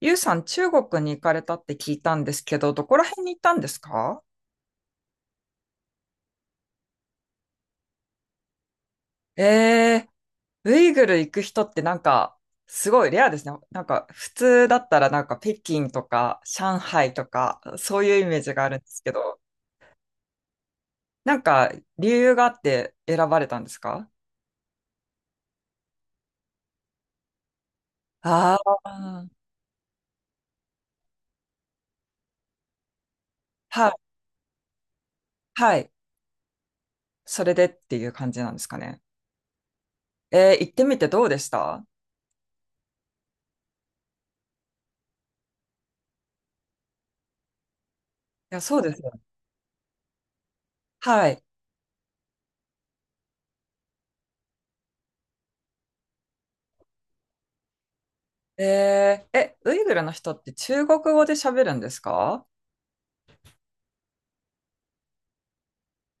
ゆうさん、中国に行かれたって聞いたんですけど、どこら辺に行ったんですか？えー、ウイグル行く人ってなんか、すごいレアですね。なんか、普通だったらなんか北京とか上海とか、そういうイメージがあるんですけど、なんか、理由があって選ばれたんですか？ああー、はい、はい。それでっていう感じなんですかね。行ってみてどうでした？いや、そうですよ。はい。ウイグルの人って中国語で喋るんですか？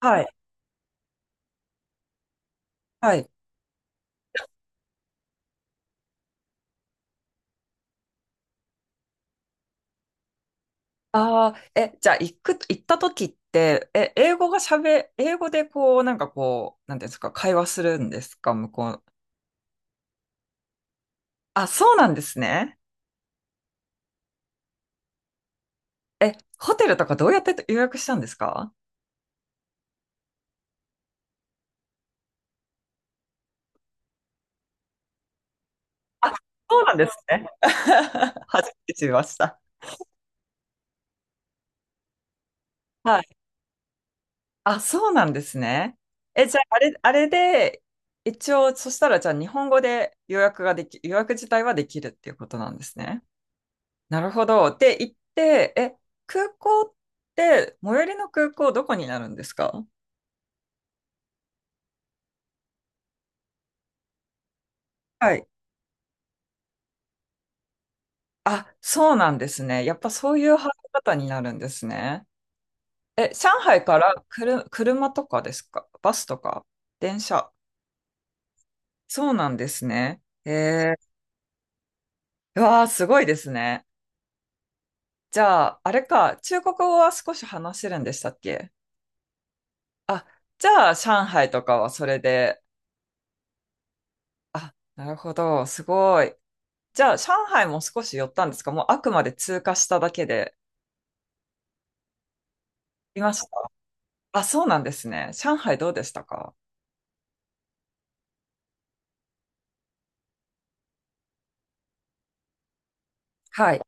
はい。はい。ああ、じゃあ、行った時って、英語でこう、なんかこう、なんていうんですか、会話するんですか、向こう。あ、そうなんですね。え、ホテルとかどうやって予約したんですか？あ、そうなんですね。初めて知りました。はい。あ、そうなんですね。じゃあ、あれ、あれで、一応、そしたら、じゃあ、日本語で予約自体はできるっていうことなんですね。なるほど。って言って、空港っ最寄りの空港どこになるんですか？はい。あ、そうなんですね。やっぱそういう入り方になるんですね。上海からくる車とかですか？バスとか？電車？そうなんですね。うわー、すごいですね。じゃあ、あれか、中国語は少し話せるんでしたっけ？あ、じゃあ、上海とかはそれで、あ、なるほど、すごい。じゃあ、上海も少し寄ったんですか？もうあくまで通過しただけで。いました。あ、そうなんですね。上海どうでしたか？はい。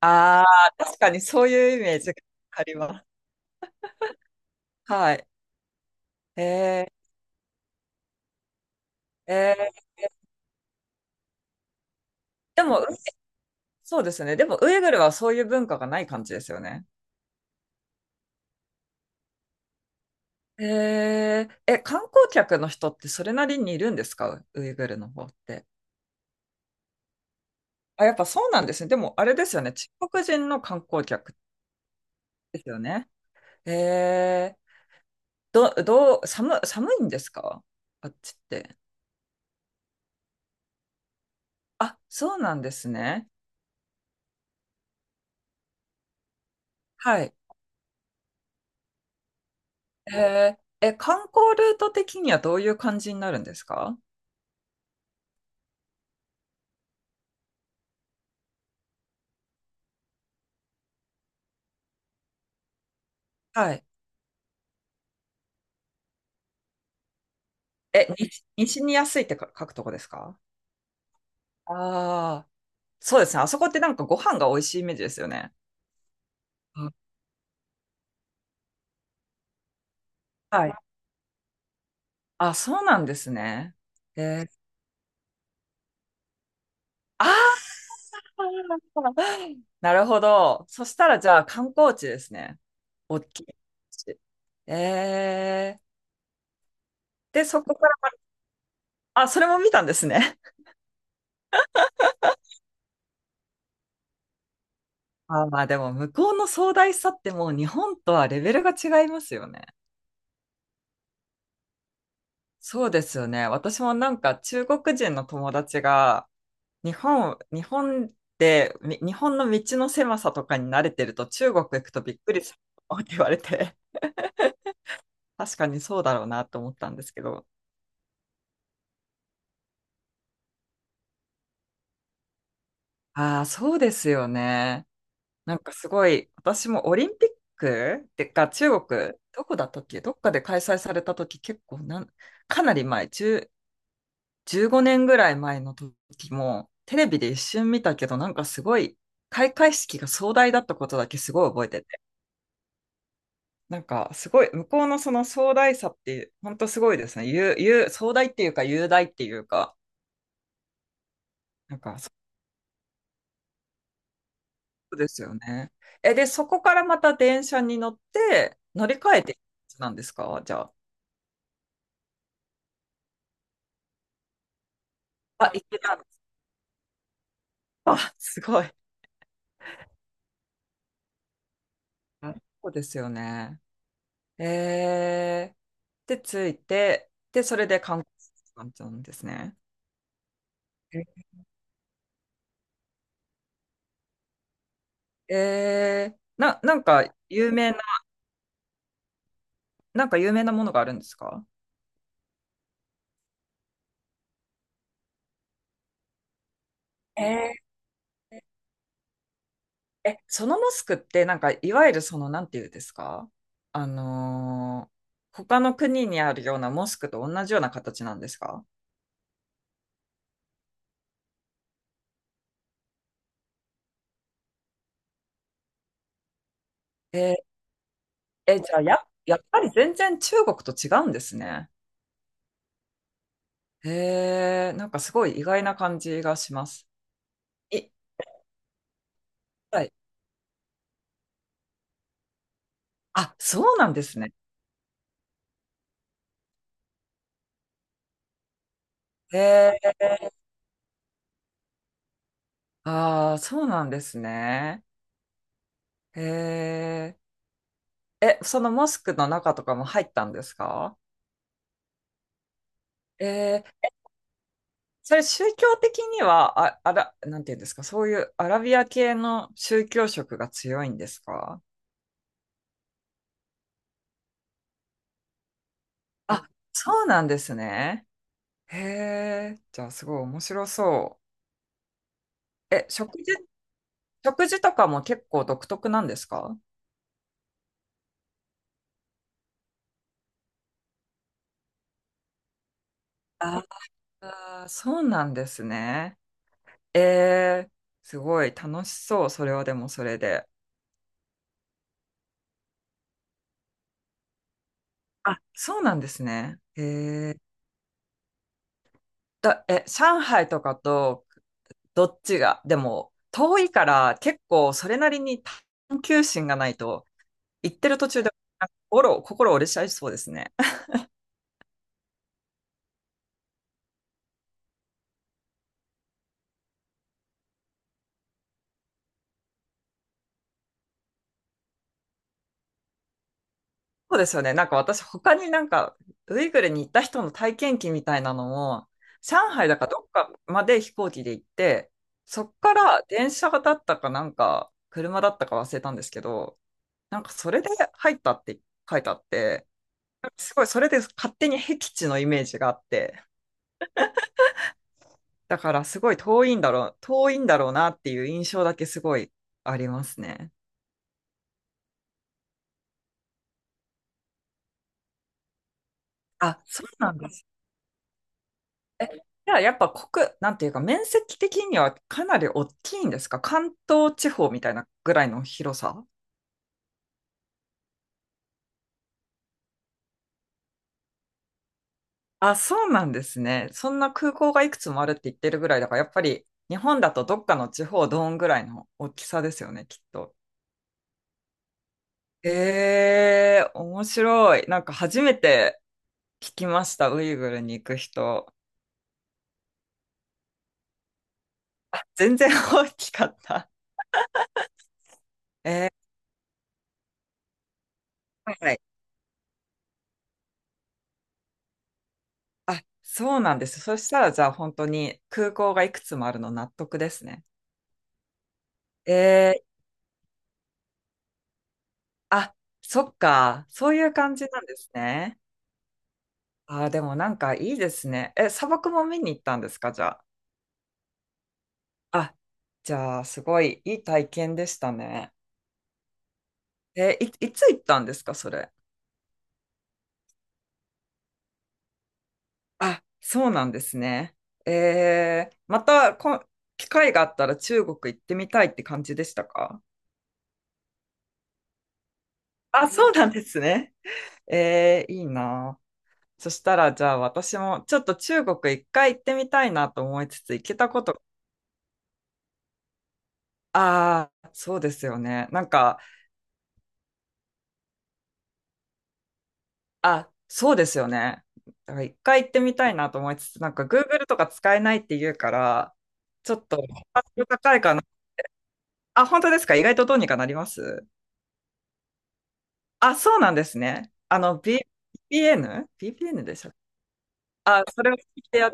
ああ、確かにそういうイメージがあります。はい。えー、えー、でも、そうですね。でも、ウイグルはそういう文化がない感じですよね。観光客の人ってそれなりにいるんですか？ウイグルの方って。あ、やっぱそうなんですね。でも、あれですよね。中国人の観光客ですよね。えーど、どう、寒いんですか？あっちって。あ、そうなんですね。はい。えーえ、観光ルート的にはどういう感じになるんですか？はい。西に安いってか書くとこですか？ああー、そうですね。あそこってなんかご飯が美味しいイメージですよね。うん。はい。あ、そうなんですね。えー、あー、なるほど。そしたらじゃあ観光地ですね。大きい。えー、で、そこから、あ、それも見たんですね。あ、まあでも向こうの壮大さってもう日本とはレベルが違いますよね。そうですよね。私もなんか中国人の友達が日本の道の狭さとかに慣れてると中国行くとびっくりするって言われて、確かにそうだろうなと思ったんですけど。ああ、そうですよね。なんかすごい、私もオリンピックってか中国、どこだったっけ、どっかで開催された時結構なん、かなり前、1 15年ぐらい前の時も、テレビで一瞬見たけど、なんかすごい、開会式が壮大だったことだけすごい覚えてて、なんかすごい、向こうのその壮大さって、本当すごいですね。ゆう、ゆう、壮大っていうか、雄大っていうか、なんかそうですよね。で、そこからまた電車に乗って、乗り換えてなんですか、じゃあ。あ、行けた。あ、すごい。あ、そうですよね。えで、着いて、で、それで観光する感じなんですね。なんか有名な、なんか有名なものがあるんですか？えそのモスクってなんかいわゆるその、なんていうんですか、あのー他の国にあるようなモスクと同じような形なんですか？えじゃあ、やっぱり全然中国と違うんですね。なんかすごい意外な感じがします。い、はい。あ、そうなんですね。えああ、そうなんですね。えーえ、そのモスクの中とかも入ったんですか？えーそれ宗教的には、あ、あら、なんていうんですか、そういうアラビア系の宗教色が強いんですか？あ、そうなんですね。へえ、じゃあすごい面白そう。食事とかも結構独特なんですか？ああー、そうなんですね。えー、すごい楽しそう、それはでもそれで。あ、そうなんですね。ー、上海とかとどっちが、でも、遠いから結構それなりに探求心がないと、行ってる途中で心折れちゃいそうですね。そうですよね。なんか私、他になんか、ウイグルに行った人の体験記みたいなのも、上海だかどっかまで飛行機で行って、そっから電車だったかなんか、車だったか忘れたんですけど、なんかそれで入ったって書いてあって、すごいそれで勝手に僻地のイメージがあって、だからすごい遠いんだろうなっていう印象だけすごいありますね。あ、そうなんです。え、じゃあやっぱなんていうか面積的にはかなり大きいんですか？関東地方みたいなぐらいの広さ？あ、そうなんですね。そんな空港がいくつもあるって言ってるぐらいだから、やっぱり日本だとどっかの地方どんぐらいの大きさですよね、きっと。面白い。なんか初めて聞きました、ウイグルに行く人。全然大きかった。えはい。あ、そうなんです。そしたら、じゃあ本当に空港がいくつもあるの納得ですね。えー、あ、そっか。そういう感じなんですね。あー、でもなんかいいですね。砂漠も見に行ったんですか、じゃあ？あ、じゃあ、すごいいい体験でしたね。いつ行ったんですか、それ？あ、そうなんですね。えー、またこ、機会があったら中国行ってみたいって感じでしたか？あ、そうなんですね。いいなあ。そしたら、じゃあ私もちょっと中国一回行ってみたいなと思いつつ、行けたこと、ああ、そうですよね。なんか、あ、そうですよね。だから一回行ってみたいなと思いつつ、なんか Google とか使えないって言うから、ちょっと、ハードル高いかな。あ、本当ですか？意外とどうにかなります？あ、そうなんですね。あの、v p n b p n でしたっけ？あ、それを聞いてや、や、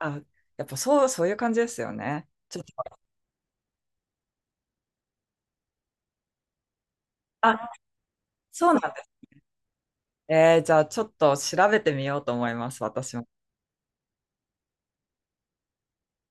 あ、やっぱそう、そういう感じですよね。ちょっと、あ、そうなんだ。じゃあちょっと調べてみようと思います、私も。